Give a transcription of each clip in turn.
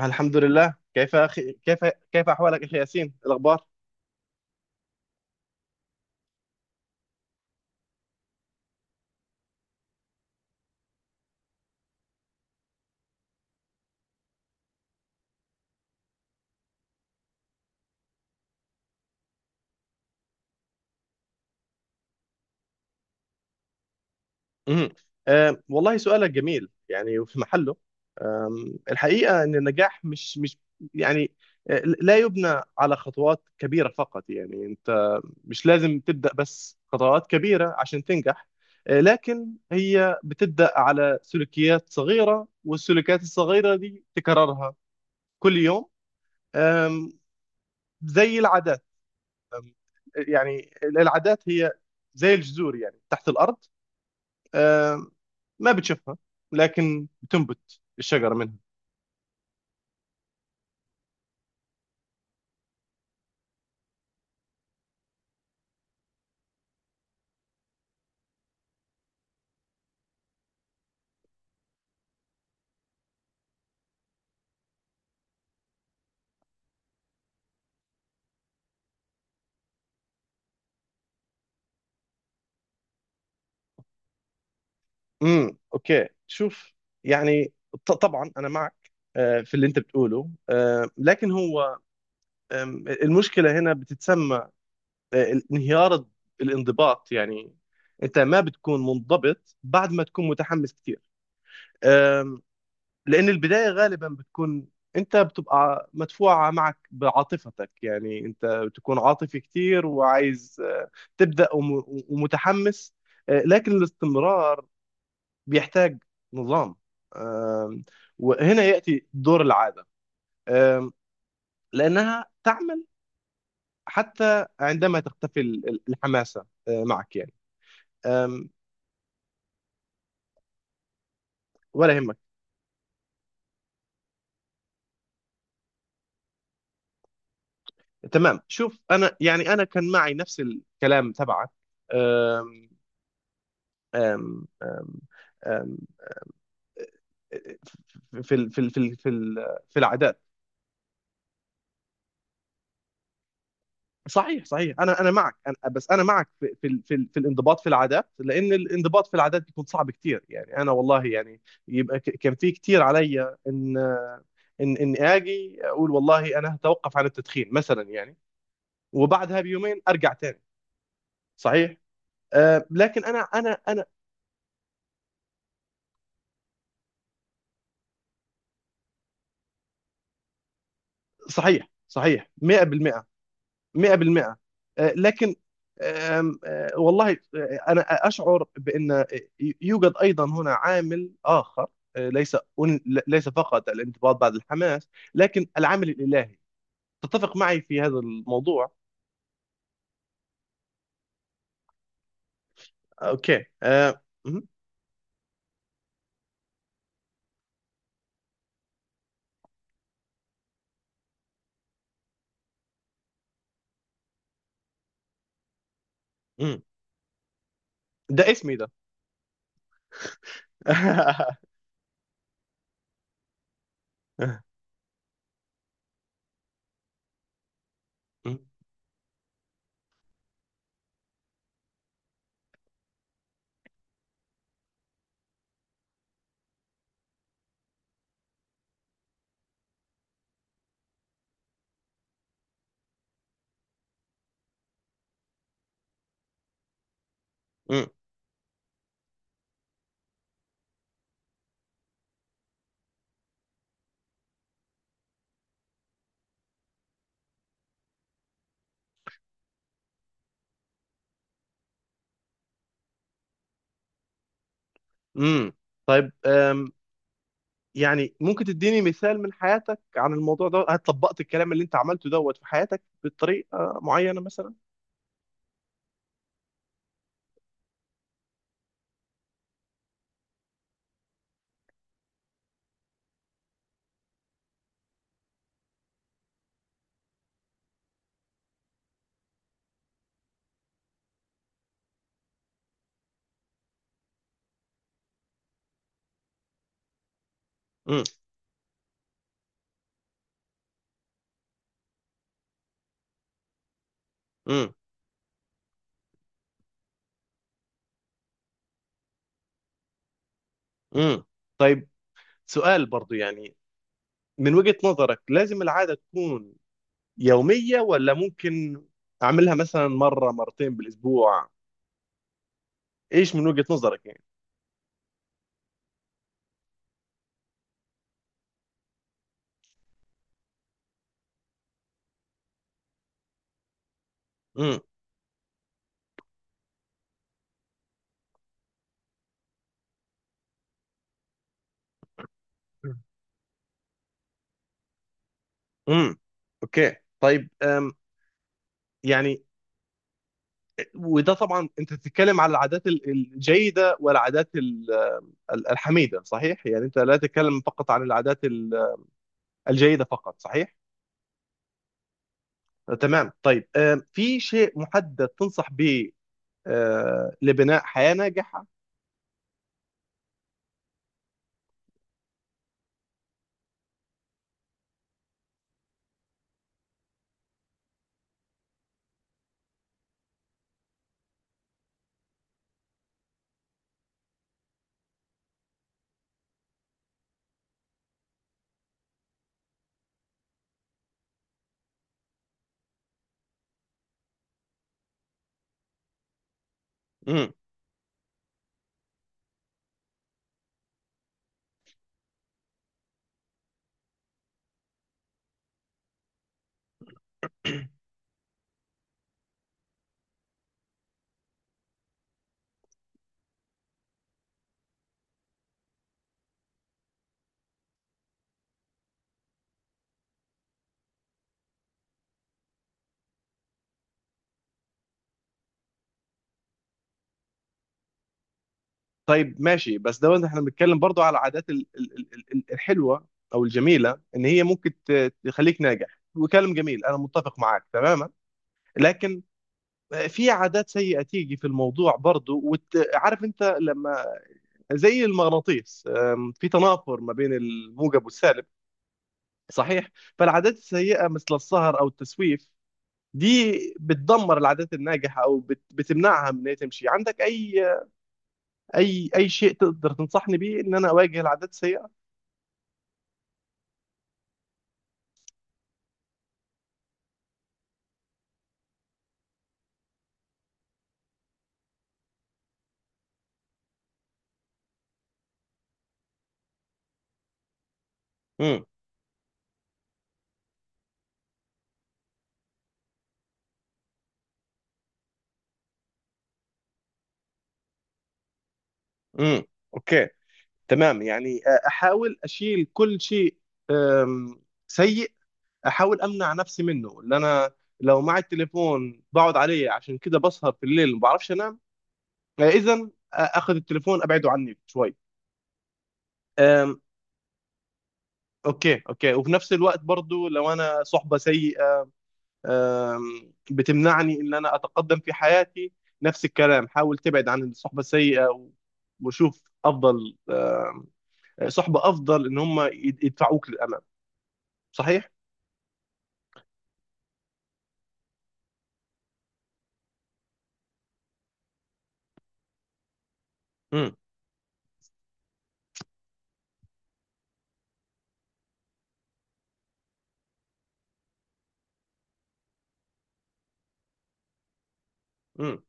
الحمد لله، كيف أخي؟ كيف أحوالك أخي ياسين؟ الأخبار؟ مم. والله سؤالك جميل، يعني وفي محله. الحقيقة أن النجاح مش يعني لا يبنى على خطوات كبيرة فقط. يعني أنت مش لازم تبدأ بس خطوات كبيرة عشان تنجح، لكن هي بتبدأ على سلوكيات صغيرة، والسلوكيات الصغيرة دي تكررها كل يوم. آم، زي العادات. أم، يعني العادات هي زي الجذور، يعني تحت الأرض، أم، ما بتشوفها، لكن بتنبت الشجرة منها. اوكي، شوف، يعني طبعا انا معك في اللي انت بتقوله، لكن هو المشكله هنا بتتسمى انهيار الانضباط. يعني انت ما بتكون منضبط بعد ما تكون متحمس كتير، لأن البداية غالبا بتكون أنت بتبقى مدفوعة معك بعاطفتك، يعني أنت بتكون عاطفي كتير وعايز تبدأ ومتحمس، لكن الاستمرار بيحتاج نظام. آم، وهنا يأتي دور العادة، آم، لأنها تعمل حتى عندما تختفي الحماسة معك، يعني آم، ولا يهمك. تمام، شوف، أنا يعني أنا كان معي نفس الكلام تبعك. آم، آم، آم، في ال- في ال- في ال- في ال- في العادات. صحيح صحيح، انا معك، أنا بس انا معك في في الانضباط في العادات، لان الانضباط في العادات بيكون صعب كتير، يعني انا والله يعني يبقى كان في كتير عليا ان ان اني اجي اقول والله انا هتوقف عن التدخين مثلا، يعني وبعدها بيومين ارجع تاني. صحيح. آه، لكن انا صحيح صحيح 100% 100%. لكن آم، آه، والله، أنا أشعر بأن يوجد أيضا هنا عامل آخر، آه، ليس ليس فقط الانضباط بعد الحماس، لكن العامل الإلهي. تتفق معي في هذا الموضوع؟ أوكي. م- ده اسمي ده. م- م- م. طيب، يعني ممكن تديني مثال من حياتك عن الموضوع ده؟ هل طبقت الكلام اللي انت عملته دوت في حياتك بطريقة معينة مثلا؟ م- م. امم، طيب، سؤال برضو، يعني من وجهة نظرك لازم العادة تكون يومية، ولا ممكن أعملها مثلا مرة مرتين بالأسبوع؟ إيش من وجهة نظرك يعني؟ امم. امم، اوكي، طيب أم، يعني وده طبعا انت تتكلم على العادات الجيده والعادات ال- الحميده، صحيح؟ يعني انت لا تتكلم فقط عن العادات الجيده فقط، صحيح؟ تمام، طيب في شيء محدد تنصح به لبناء حياه ناجحه؟ طيب، ماشي، بس ده احنا بنتكلم برضو على العادات الحلوه او الجميله ان هي ممكن تخليك ناجح، وكلام جميل انا متفق معاك تماما. لكن في عادات سيئه تيجي في الموضوع برضو، وعارف انت لما زي المغناطيس، في تنافر ما بين الموجب والسالب، صحيح؟ فالعادات السيئه مثل السهر او التسويف دي بتدمر العادات الناجحه او بتمنعها من ان هي تمشي عندك. اي شيء تقدر تنصحني بيه ان انا اواجه العادات السيئه؟ امم، اوكي، تمام، يعني احاول اشيل كل شيء آم، سيء، احاول امنع نفسي منه. اللي انا لو معي التليفون بقعد عليه، عشان كده بسهر في الليل ما بعرفش انام، اذا اخذ التليفون ابعده عني شوي. آم، اوكي اوكي، وفي نفس الوقت برضو لو انا صحبة سيئة بتمنعني ان انا اتقدم في حياتي، نفس الكلام، حاول تبعد عن الصحبة السيئة وشوف افضل، صحبة افضل ان هم يدفعوك للامام. صحيح. امم. امم،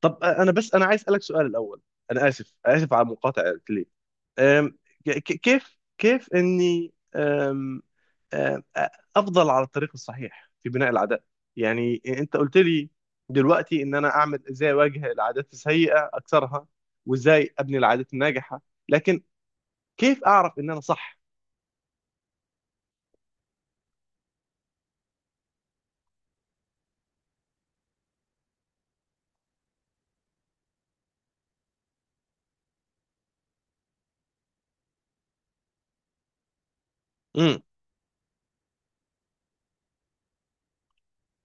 طب انا بس انا عايز اسالك سؤال الاول. انا اسف على المقاطعه ليه. أم، كيف اني أم، أ- افضل على الطريق الصحيح في بناء العادات؟ يعني انت قلت لي دلوقتي ان انا اعمل ازاي اواجه العادات السيئه اكسرها، وازاي ابني العادات الناجحه، لكن كيف اعرف ان انا صح؟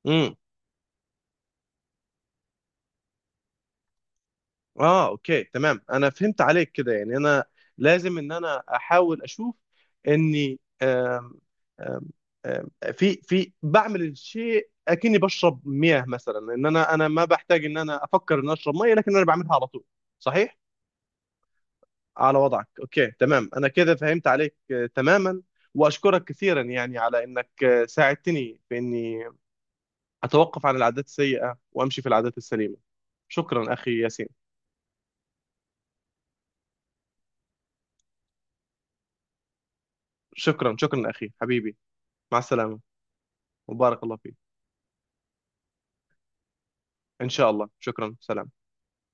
امم. اه، اوكي، تمام، انا فهمت عليك كده. يعني انا لازم ان انا احاول اشوف اني آم، آم، آم، في بعمل الشيء اكني بشرب مياه مثلا، ان انا ما بحتاج ان انا افكر ان اشرب ميه، لكن انا بعملها على طول، صحيح؟ على وضعك. اوكي، تمام، انا كده فهمت عليك تماما، واشكرك كثيرا يعني على انك ساعدتني في اني اتوقف عن العادات السيئة وامشي في العادات السليمة. شكرا اخي ياسين. شكرا اخي حبيبي، مع السلامة. وبارك الله فيك. إن شاء الله، شكرا، سلام.